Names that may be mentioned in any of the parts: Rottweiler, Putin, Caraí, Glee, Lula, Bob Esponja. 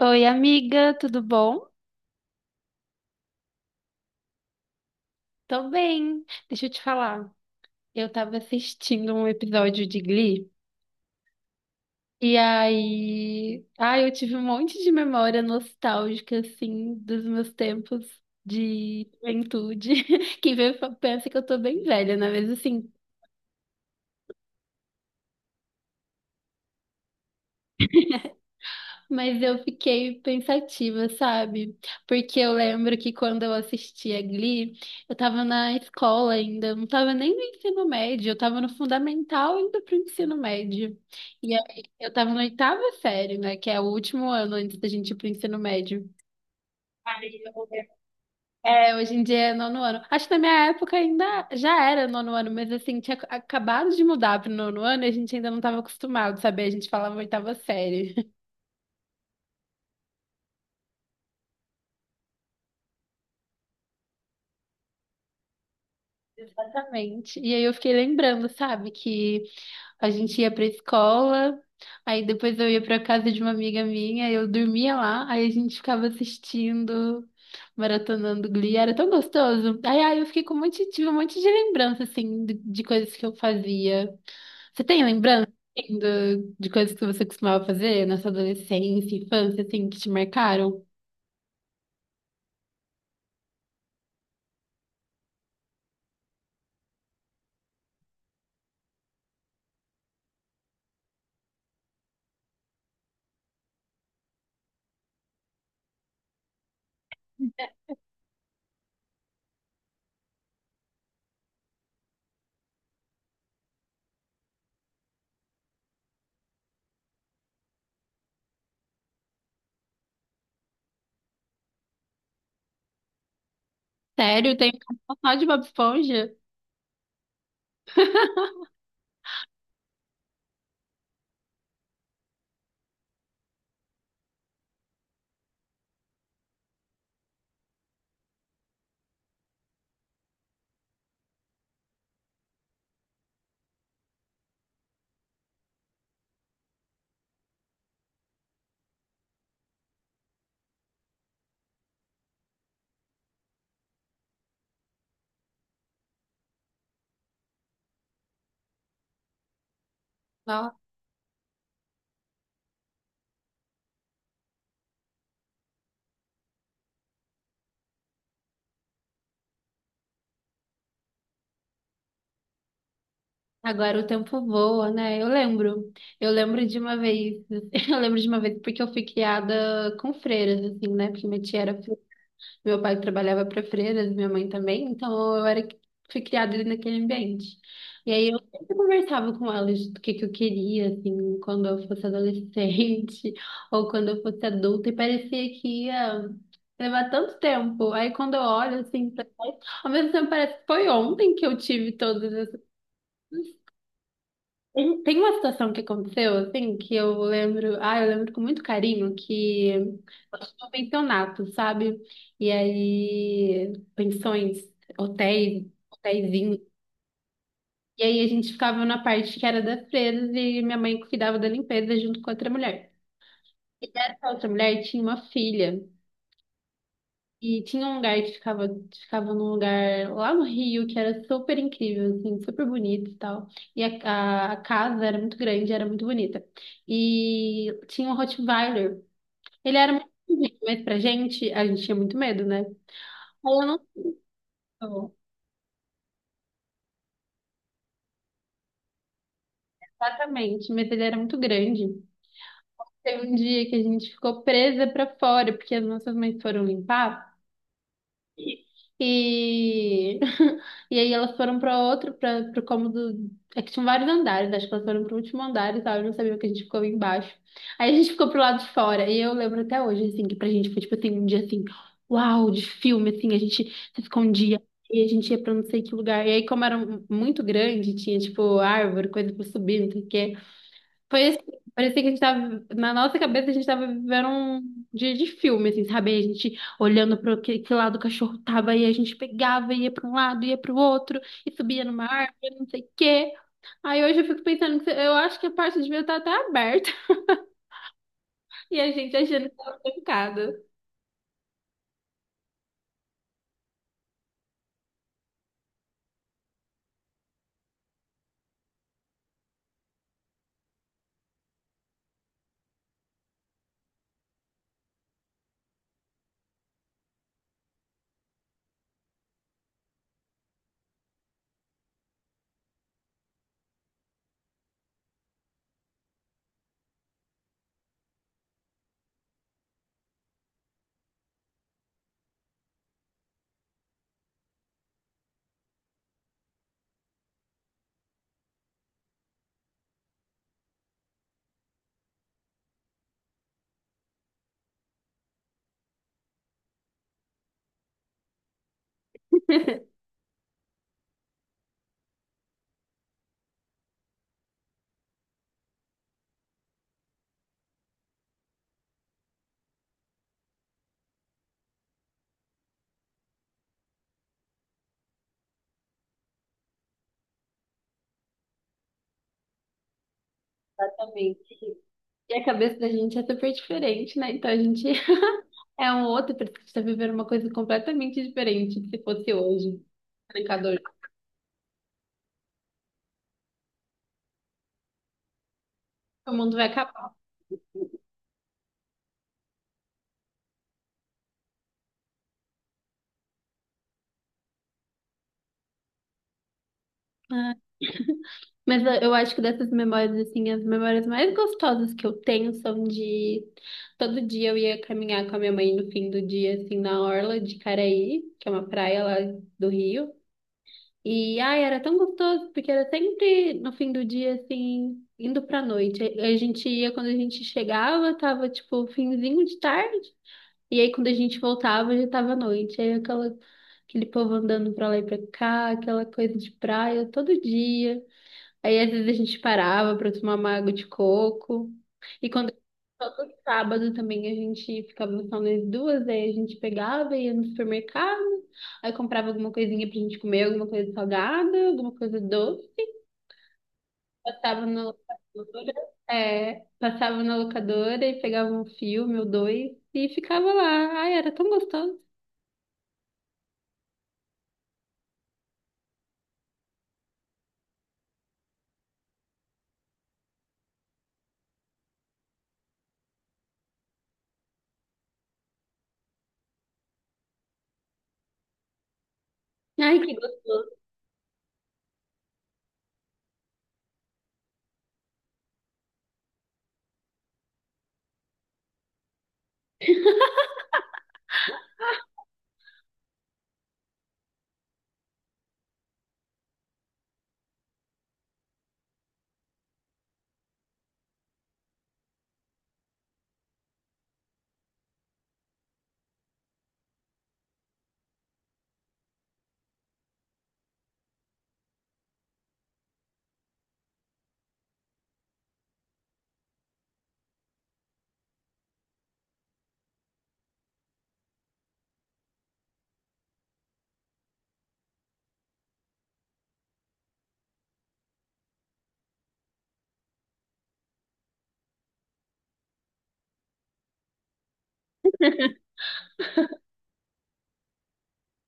Oi, amiga, tudo bom? Tô bem. Deixa eu te falar. Eu tava assistindo um episódio de Glee e aí, ai, eu tive um monte de memória nostálgica assim dos meus tempos de juventude. Quem pensa que eu tô bem velha, né? Mas assim, mas eu fiquei pensativa, sabe? Porque eu lembro que quando eu assistia Glee, eu tava na escola ainda, eu não tava nem no ensino médio, eu tava no fundamental indo pro ensino médio. E aí eu tava na oitava série, né? Que é o último ano antes da gente ir pro ensino médio. É, hoje em dia é nono ano. Acho que na minha época ainda já era nono ano, mas assim, tinha acabado de mudar pro nono ano e a gente ainda não tava acostumado, sabe? A gente falava oitava série. Exatamente. E aí eu fiquei lembrando, sabe, que a gente ia pra escola, aí depois eu ia pra casa de uma amiga minha, eu dormia lá, aí a gente ficava assistindo, maratonando Glee, era tão gostoso. Aí eu fiquei com um monte, tive um monte de lembrança, assim, de coisas que eu fazia. Você tem lembrança, assim, de coisas que você costumava fazer na sua adolescência, infância, assim, que te marcaram? Sério, tem um só de Bob Esponja? Agora o tempo voa, né? Eu lembro. Eu lembro de uma vez, eu lembro de uma vez porque eu fui criada com freiras, assim, né? Porque minha tia era, meu pai trabalhava para freiras, minha mãe também, então eu era, fui criada ali naquele ambiente. E aí eu sempre conversava com elas do que eu queria, assim, quando eu fosse adolescente ou quando eu fosse adulta, e parecia que ia levar tanto tempo. Aí quando eu olho, assim, pra trás, ao mesmo tempo parece que foi ontem que eu tive todas tem uma situação que aconteceu, assim, que eu lembro, ah, eu lembro com muito carinho que eu tinha um pensionato, sabe? E aí, pensões, hotéis, hotéisinhos. E aí a gente ficava na parte que era das presas e minha mãe cuidava da limpeza junto com outra mulher. Essa outra mulher tinha uma filha. E tinha um lugar ficava num lugar lá no Rio que era super incrível, assim, super bonito e tal. E a casa era muito grande, era muito bonita. E tinha um Rottweiler. Ele era muito pequenininho, mas pra gente, a gente tinha muito medo, né? Aí eu não sei exatamente, mas ele era muito grande. Teve um dia que a gente ficou presa pra fora, porque as nossas mães foram limpar. E, e aí elas foram para outro, para o cômodo. É que tinham vários andares, acho que elas foram para o último andar e tal, eu não sabia que a gente ficou embaixo. Aí a gente ficou pro lado de fora, e eu lembro até hoje, assim, que pra gente foi tipo assim, um dia assim, uau, de filme, assim, a gente se escondia e a gente ia pra não sei que lugar. E aí, como era muito grande, tinha tipo árvore, coisa pra subir, não sei o quê. Foi assim, parecia que a gente tava, na nossa cabeça, a gente tava vivendo um dia de filme, assim, sabe? A gente olhando para que lado o cachorro tava, e a gente pegava, ia para um lado, ia para o outro, e subia numa árvore, não sei o quê. Aí hoje eu fico pensando que eu acho que a parte de ver tá até aberta, e a gente achando que tava trancada. Exatamente. E a cabeça da gente é super diferente, né? Então a gente é um outro, parece que a gente tá vivendo uma coisa completamente diferente do que se fosse hoje. Trancador. O mundo vai acabar. Mas eu acho que dessas memórias, assim, as memórias mais gostosas que eu tenho são de todo dia eu ia caminhar com a minha mãe no fim do dia, assim, na orla de Caraí, que é uma praia lá do Rio. E ai, era tão gostoso, porque era sempre no fim do dia, assim, indo pra noite. A gente ia quando a gente chegava, tava tipo finzinho de tarde. E aí quando a gente voltava, já tava noite. Aí aquela, aquele povo andando pra lá e pra cá, aquela coisa de praia todo dia. Aí às vezes a gente parava para tomar uma água de coco. E quando todo sábado também a gente ficava só nós duas, aí a gente pegava, ia no supermercado, aí comprava alguma coisinha pra gente comer, alguma coisa salgada, alguma coisa doce, passava na locadora, é, passava na locadora e pegava um filme ou dois e ficava lá. Ai, era tão gostoso. Ai, que gostoso.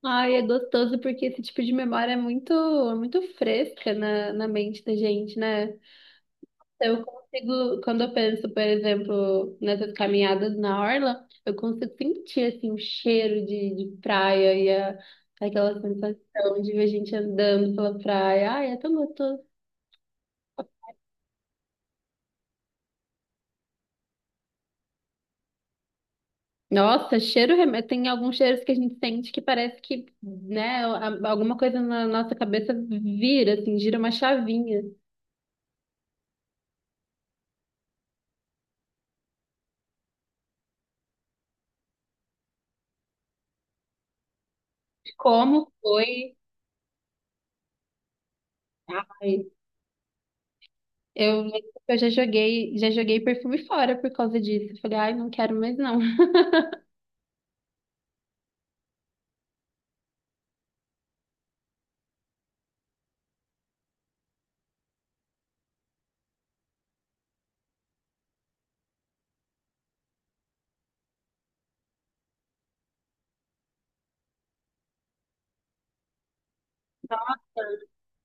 Ai, é gostoso porque esse tipo de memória é muito fresca na mente da gente, né? Eu consigo, quando eu penso, por exemplo, nessas caminhadas na orla, eu consigo sentir assim o cheiro de praia e aquela sensação de ver a gente andando pela praia. Ai, é tão gostoso. Nossa, cheiro, tem alguns cheiros que a gente sente que parece que, né, alguma coisa na nossa cabeça vira, assim, gira uma chavinha. Como foi? Ai, eu, eu já joguei perfume fora por causa disso. Eu falei, ai, não quero mais não.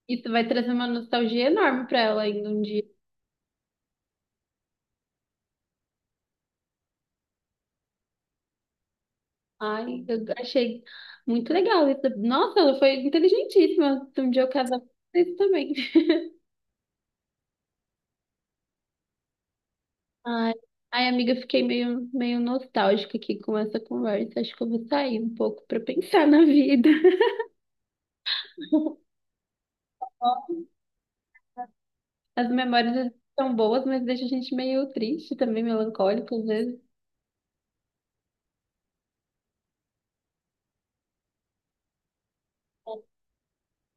Isso vai trazer uma nostalgia enorme pra ela ainda um dia. Ai, eu achei muito legal isso. Nossa, ela foi inteligentíssima. Um dia eu casava com isso também. Ai, ai, amiga, eu fiquei meio nostálgica aqui com essa conversa. Acho que eu vou sair um pouco pra pensar na vida. As memórias são boas, mas deixa a gente meio triste também, melancólico às vezes.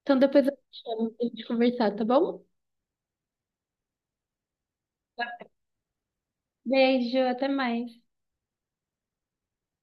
Então depois eu te chamo pra gente conversar, tá bom? Beijo, até mais.